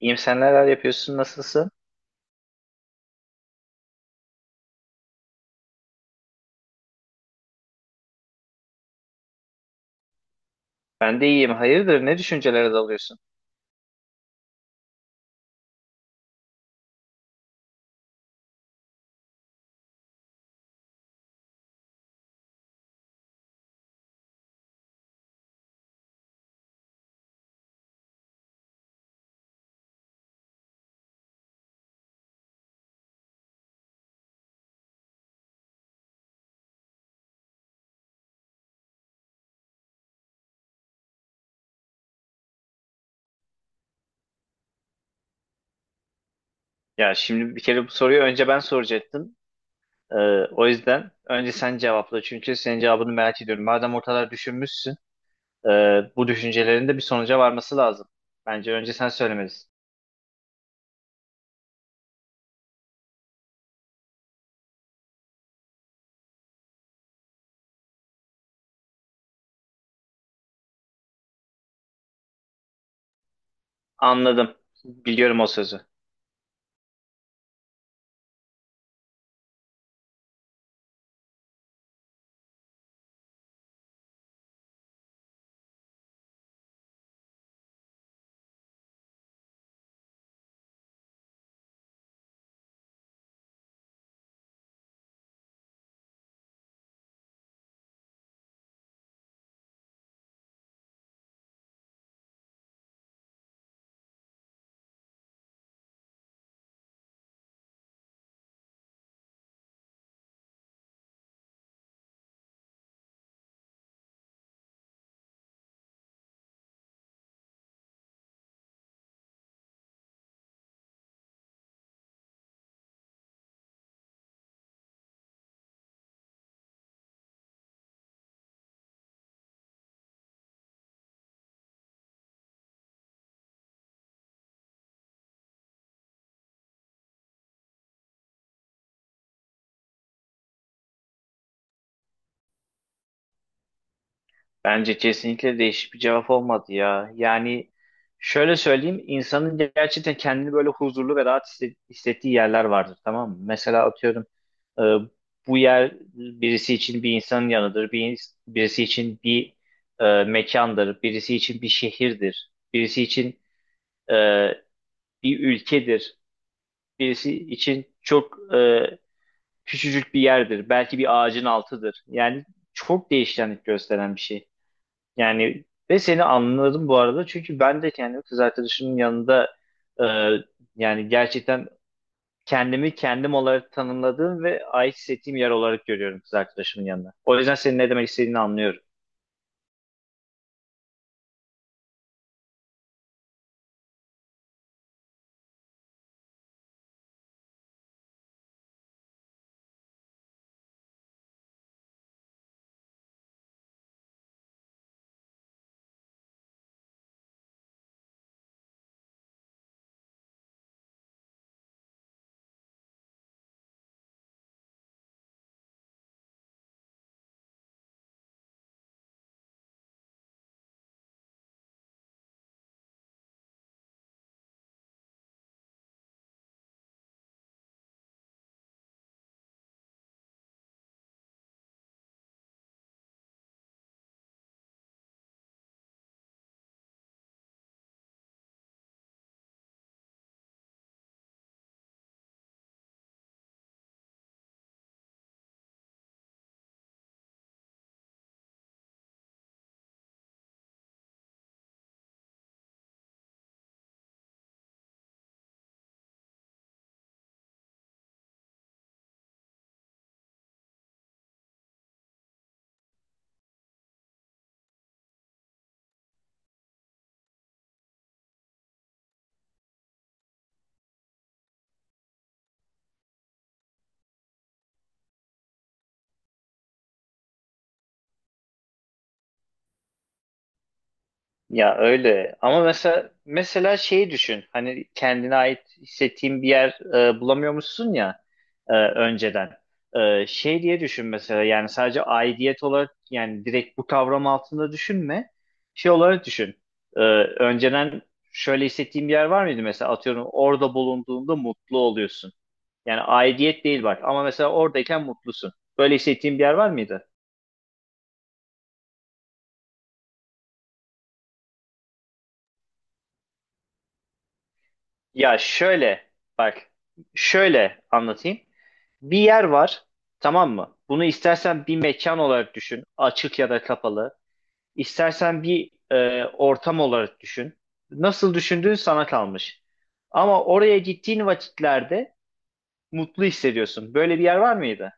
İyiyim, sen neler yapıyorsun, nasılsın? Ben de iyiyim. Hayırdır, ne düşüncelere dalıyorsun? Ya şimdi bir kere bu soruyu önce ben soracaktım. Ee, O yüzden önce sen cevapla. Çünkü senin cevabını merak ediyorum. Madem ortalar düşünmüşsün, e, bu düşüncelerin de bir sonuca varması lazım. Bence önce sen söylemelisin. Anladım. Biliyorum o sözü. Bence kesinlikle değişik bir cevap olmadı ya. Yani şöyle söyleyeyim, insanın gerçekten kendini böyle huzurlu ve rahat hissettiği yerler vardır, tamam mı? Mesela atıyorum, e, bu yer birisi için bir insanın yanıdır, birisi için bir mekandır, birisi için bir şehirdir, birisi için e, bir ülkedir, birisi için çok küçücük bir yerdir, belki bir ağacın altıdır. Yani çok değişkenlik gösteren bir şey. Yani ve seni anladım bu arada. Çünkü ben de kendimi kız arkadaşımın yanında, e, yani gerçekten kendimi kendim olarak tanımladığım ve ait hissettiğim yer olarak görüyorum kız arkadaşımın yanında. O yüzden senin ne demek istediğini anlıyorum. Ya öyle ama mesela şeyi düşün, hani kendine ait hissettiğin bir yer bulamıyormuşsun ya e, önceden şey diye düşün mesela, yani sadece aidiyet olarak, yani direkt bu kavram altında düşünme, şey olarak düşün. Önceden şöyle hissettiğin bir yer var mıydı, mesela atıyorum orada bulunduğunda mutlu oluyorsun, yani aidiyet değil bak, ama mesela oradayken mutlusun, böyle hissettiğin bir yer var mıydı? Ya şöyle, bak, şöyle anlatayım. Bir yer var, tamam mı? Bunu istersen bir mekan olarak düşün, açık ya da kapalı. İstersen bir ortam olarak düşün. Nasıl düşündüğün sana kalmış. Ama oraya gittiğin vakitlerde mutlu hissediyorsun. Böyle bir yer var mıydı?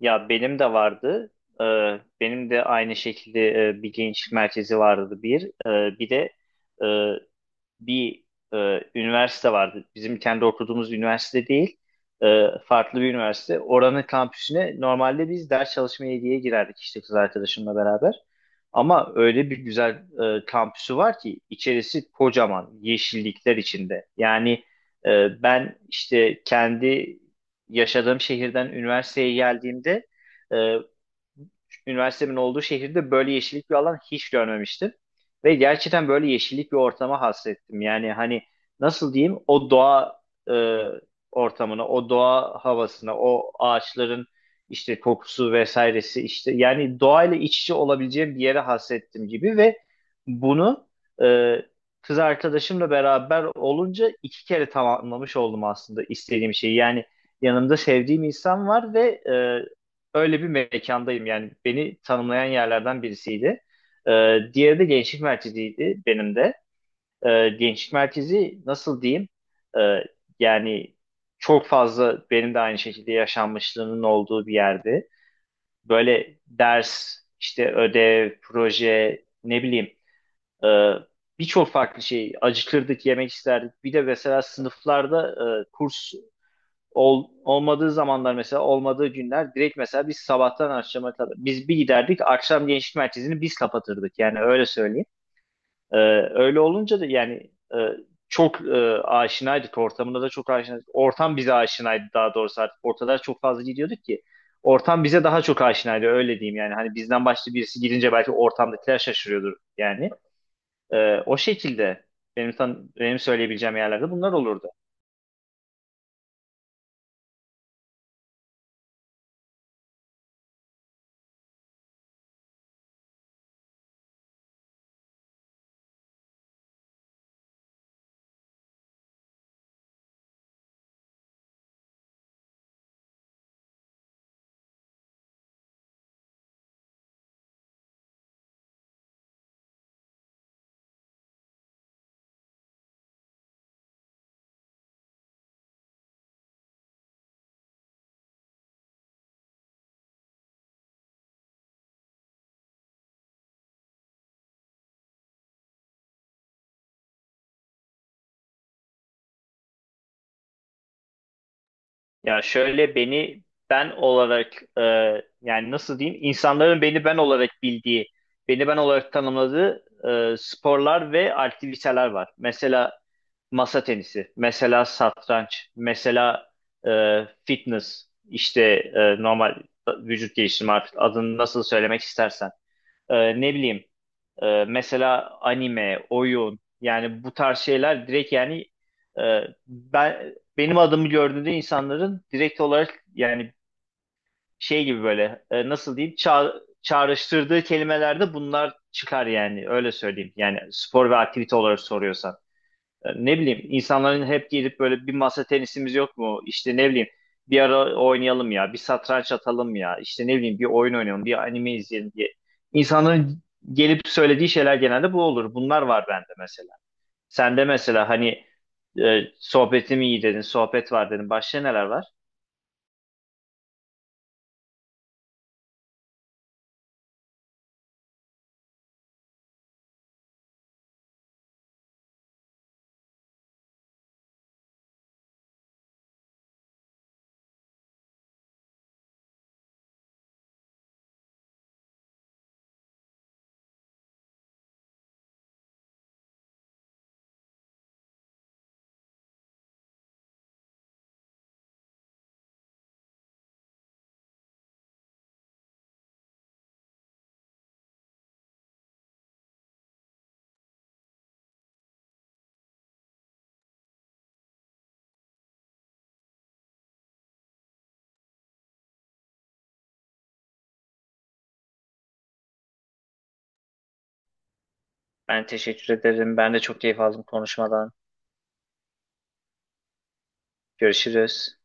Ya benim de vardı. E, Benim de aynı şekilde bir gençlik merkezi vardı bir. E, bir de e, bir e, Üniversite vardı. Bizim kendi okuduğumuz üniversite değil, farklı bir üniversite. Oranın kampüsüne normalde biz ders çalışmaya diye girerdik işte kız arkadaşımla beraber. Ama öyle bir güzel kampüsü var ki, içerisi kocaman yeşillikler içinde. Yani ben işte kendi yaşadığım şehirden üniversiteye geldiğimde, e, üniversitemin olduğu şehirde böyle yeşillik bir alan hiç görmemiştim. Ve gerçekten böyle yeşillik bir ortama hasrettim. Yani hani nasıl diyeyim, o doğa e, ortamına, o doğa havasına, o ağaçların işte kokusu vesairesi, işte yani doğayla iç içe olabileceğim bir yere hasrettim gibi. Ve bunu e, kız arkadaşımla beraber olunca iki kere tamamlamış oldum aslında istediğim şeyi. Yani yanımda sevdiğim insan var ve e, öyle bir mekandayım. Yani beni tanımlayan yerlerden birisiydi. Diğeri de gençlik merkeziydi benim de. Gençlik merkezi nasıl diyeyim? Ee, Yani çok fazla benim de aynı şekilde yaşanmışlığının olduğu bir yerdi. Böyle ders, işte ödev, proje, ne bileyim, e, birçok farklı şey, acıkırdık, yemek isterdik. Bir de mesela sınıflarda e, kurs olmadığı zamanlar, mesela olmadığı günler direkt mesela sabahtan akşama kadar biz bir giderdik, akşam gençlik merkezini biz kapatırdık, yani öyle söyleyeyim. Ee, Öyle olunca da yani çok aşinaydık, ortamında da çok aşinaydık. Ortam bize aşinaydı daha doğrusu, artık ortada çok fazla gidiyorduk ki ortam bize daha çok aşinaydı, öyle diyeyim. Yani hani bizden başka birisi gidince belki ortamdakiler şaşırıyordur yani. O şekilde benim söyleyebileceğim yerlerde bunlar olurdu. Ya şöyle, beni ben olarak, yani nasıl diyeyim, insanların beni ben olarak bildiği, beni ben olarak tanımladığı sporlar ve aktiviteler var. Mesela masa tenisi, mesela satranç, mesela fitness, işte normal vücut geliştirme, artık adını nasıl söylemek istersen. E, ne bileyim Mesela anime, oyun, yani bu tarz şeyler direkt yani, e, benim adımı gördüğünde insanların direkt olarak, yani şey gibi, böyle nasıl diyeyim, çağrıştırdığı kelimelerde bunlar çıkar, yani öyle söyleyeyim. Yani spor ve aktivite olarak soruyorsan. Ne bileyim, insanların hep gelip böyle, bir masa tenisimiz yok mu, İşte ne bileyim bir ara oynayalım ya, bir satranç atalım ya, işte ne bileyim bir oyun oynayalım, bir anime izleyelim diye. İnsanların gelip söylediği şeyler genelde bu olur. Bunlar var bende mesela. Sende mesela hani sohbetim iyi dedin, sohbet var dedin. Başka neler var? Ben teşekkür ederim. Ben de çok keyif aldım konuşmadan. Görüşürüz.